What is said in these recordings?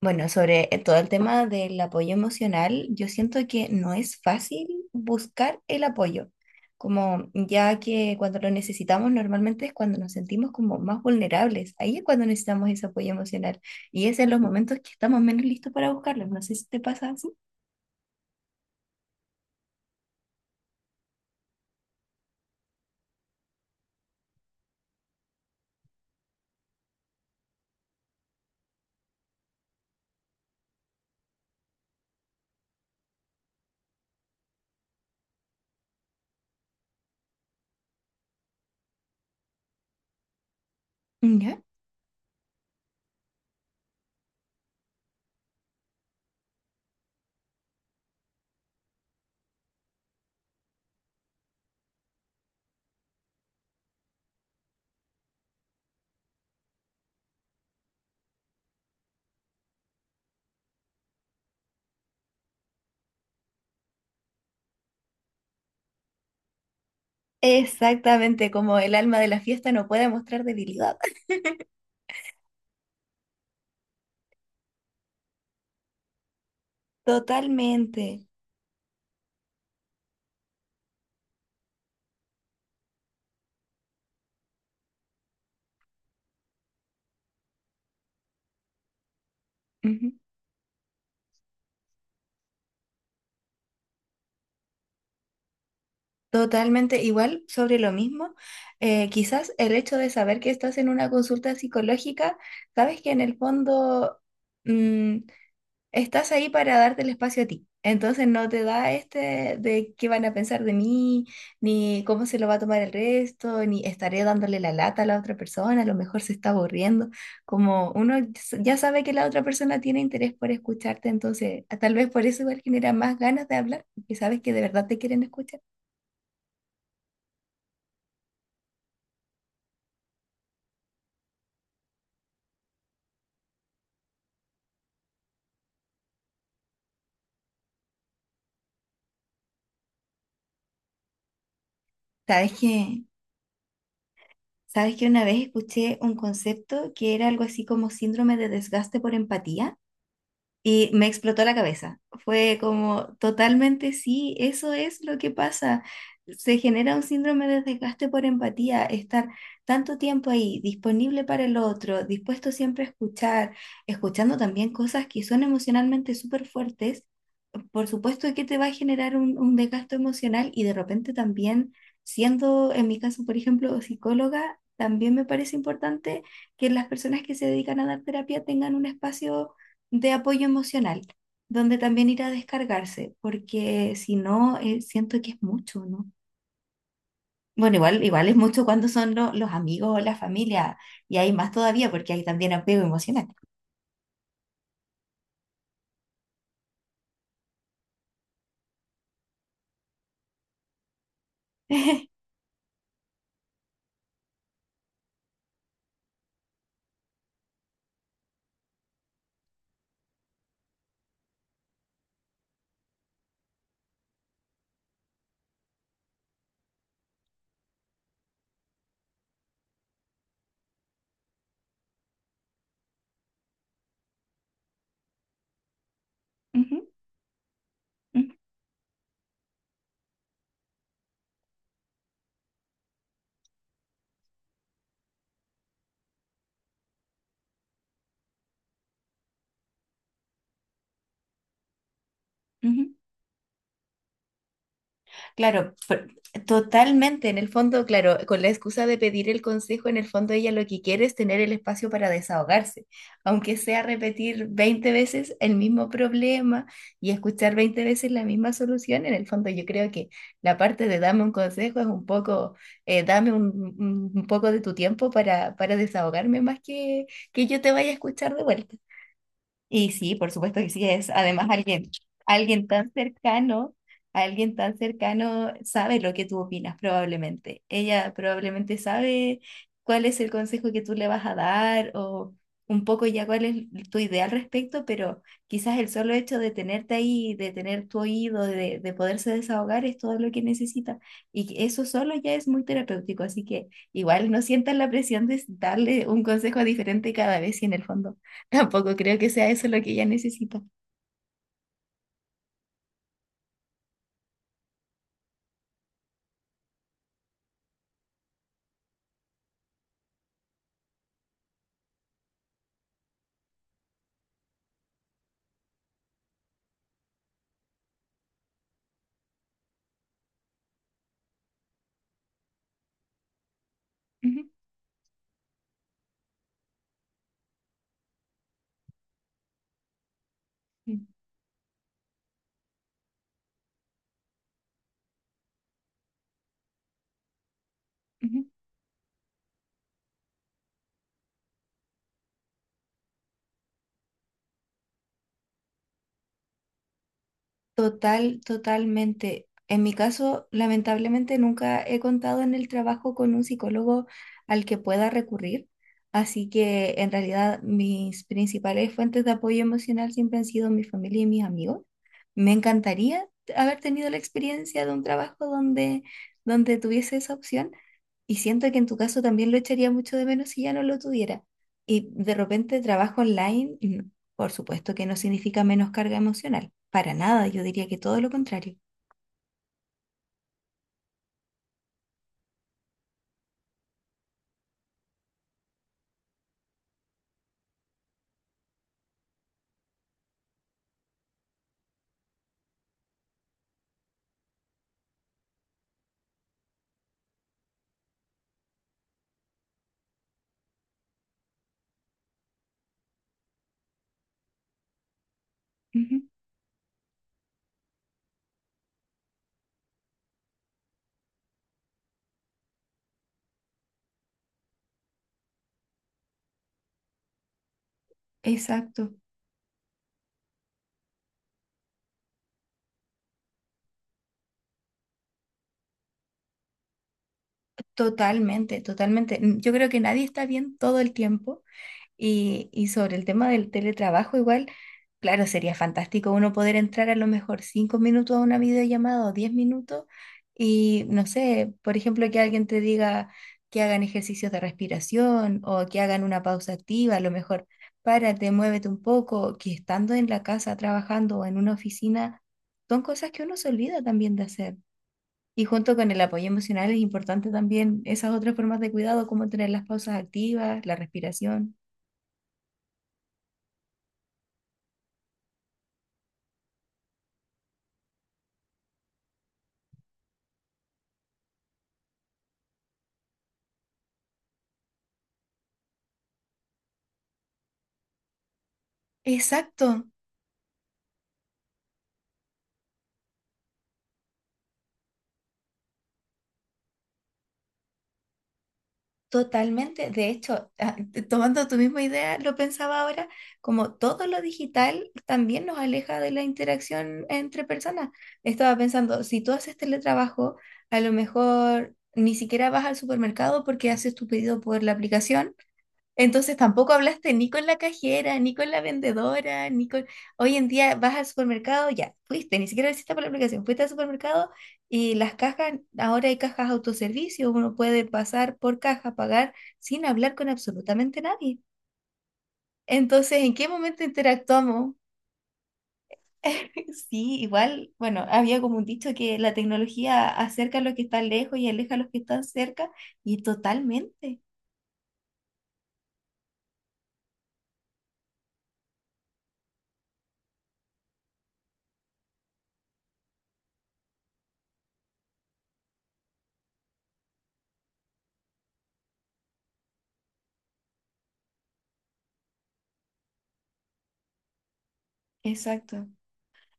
Bueno, sobre todo el tema del apoyo emocional, yo siento que no es fácil buscar el apoyo, como ya que cuando lo necesitamos normalmente es cuando nos sentimos como más vulnerables, ahí es cuando necesitamos ese apoyo emocional y es en los momentos que estamos menos listos para buscarlo, no sé si te pasa así. ¿Ya? Exactamente, como el alma de la fiesta no puede mostrar debilidad. Totalmente. Totalmente igual sobre lo mismo. Quizás el hecho de saber que estás en una consulta psicológica, sabes que en el fondo mm, estás ahí para darte el espacio a ti. Entonces no te da este de qué van a pensar de mí, ni cómo se lo va a tomar el resto, ni estaré dándole la lata a la otra persona, a lo mejor se está aburriendo. Ya sabe que la otra persona tiene interés por escucharte, entonces tal vez por eso igual genera más ganas de hablar, porque sabes que de verdad te quieren escuchar. Sabes que Sabes que una vez escuché un concepto que era algo así como síndrome de desgaste por empatía. Y me explotó la cabeza. Fue como totalmente sí, eso es lo que pasa. Se genera un síndrome de desgaste por empatía, estar tanto tiempo ahí, disponible para el otro, dispuesto siempre a escuchar, escuchando también cosas que son emocionalmente súper fuertes. Por supuesto que te va a generar un desgaste emocional y de repente también, siendo en mi caso, por ejemplo, psicóloga, también me parece importante que las personas que se dedican a dar terapia tengan un espacio de apoyo emocional, donde también ir a descargarse, porque si no, siento que es mucho, ¿no? Bueno, igual, igual es mucho cuando son los amigos o la familia, y hay más todavía porque hay también apego emocional. Ujú, ujú, ujú. Claro, totalmente. En el fondo, claro, con la excusa de pedir el consejo, en el fondo ella lo que quiere es tener el espacio para desahogarse, aunque sea repetir 20 veces el mismo problema y escuchar 20 veces la misma solución. En el fondo, yo creo que la parte de dame un consejo es un poco, dame un poco de tu tiempo para desahogarme más que yo te vaya a escuchar de vuelta. Y sí, por supuesto que sí es. Además, alguien tan cercano, alguien tan cercano sabe lo que tú opinas, probablemente. Ella probablemente sabe cuál es el consejo que tú le vas a dar o un poco ya cuál es tu idea al respecto, pero quizás el solo hecho de tenerte ahí, de tener tu oído, de poderse desahogar es todo lo que necesita. Y que eso solo ya es muy terapéutico, así que igual no sientas la presión de darle un consejo diferente cada vez y en el fondo. Tampoco creo que sea eso lo que ella necesita. Ujú, ujú. Total, totalmente. En mi caso, lamentablemente nunca he contado en el trabajo con un psicólogo al que pueda recurrir, así que en realidad mis principales fuentes de apoyo emocional siempre han sido mi familia y mis amigos. Me encantaría haber tenido la experiencia de un trabajo donde, donde tuviese esa opción y siento que en tu caso también lo echaría mucho de menos si ya no lo tuviera. Y de repente trabajo online. Por supuesto que no significa menos carga emocional. Para nada, yo diría que todo lo contrario. Ujú, exacto, totalmente, totalmente. Yo creo que nadie está bien todo el tiempo. Y sobre el tema del teletrabajo, igual, claro, sería fantástico uno poder entrar a lo mejor 5 minutos a una videollamada o 10 minutos y, no sé, por ejemplo, que alguien te diga que hagan ejercicios de respiración o que hagan una pausa activa, a lo mejor párate, muévete un poco, que estando en la casa trabajando o en una oficina, son cosas que uno se olvida también de hacer. Y junto con el apoyo emocional es importante también esas otras formas de cuidado, como tener las pausas activas, la respiración. Exacto, totalmente. De hecho, ah, tomando tu misma idea, lo pensaba ahora, como todo lo digital también nos aleja de la interacción entre personas. Estaba pensando, si tú haces teletrabajo, a lo mejor ni siquiera vas al supermercado porque haces tu pedido por la aplicación. Entonces tampoco hablaste ni con la cajera, ni con la vendedora, ni con... Hoy en día vas al supermercado, ya, fuiste, ni siquiera lo hiciste por la aplicación, fuiste al supermercado y las cajas, ahora hay cajas autoservicio, uno puede pasar por caja, pagar sin hablar con absolutamente nadie. Entonces, ¿en qué momento interactuamos? Sí, igual, bueno, había como un dicho que la tecnología acerca a los que están lejos y aleja a los que están cerca, y totalmente. Exacto.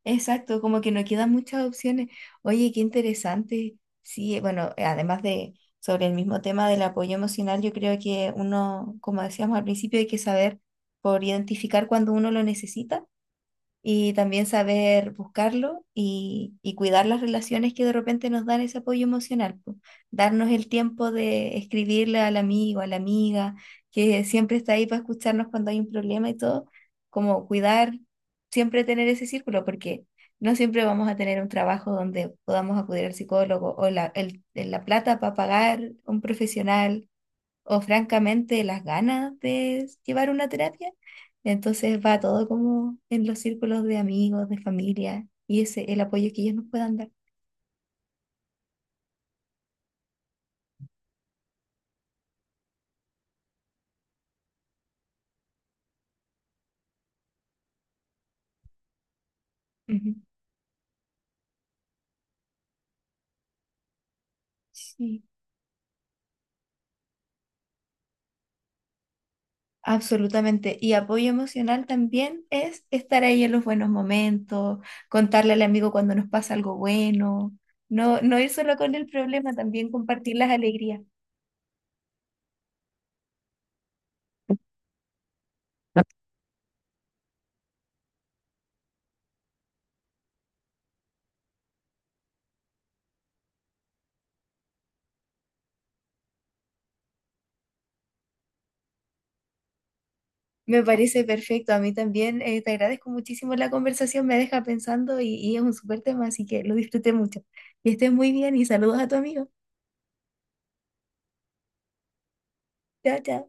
Exacto, como que no quedan muchas opciones. Oye, qué interesante. Sí, bueno, además de sobre el mismo tema del apoyo emocional, yo creo que uno, como decíamos al principio, hay que saber por identificar cuando uno lo necesita y también saber buscarlo y cuidar las relaciones que de repente nos dan ese apoyo emocional, po. Darnos el tiempo de escribirle al amigo, a la amiga, que siempre está ahí para escucharnos cuando hay un problema y todo, como cuidar, siempre tener ese círculo, porque no siempre vamos a tener un trabajo donde podamos acudir al psicólogo o la plata para pagar un profesional o francamente las ganas de llevar una terapia. Entonces va todo como en los círculos de amigos, de familia y ese el apoyo que ellos nos puedan dar. Ujú. Sí, absolutamente. Y apoyo emocional también es estar ahí en los buenos momentos, contarle al amigo cuando nos pasa algo bueno, no ir solo con el problema, también compartir las alegrías. Me parece perfecto. A mí también te agradezco muchísimo la conversación, me deja pensando y es un súper tema, así que lo disfruté mucho. Y estés muy bien y saludos a tu amigo. Chao, chao.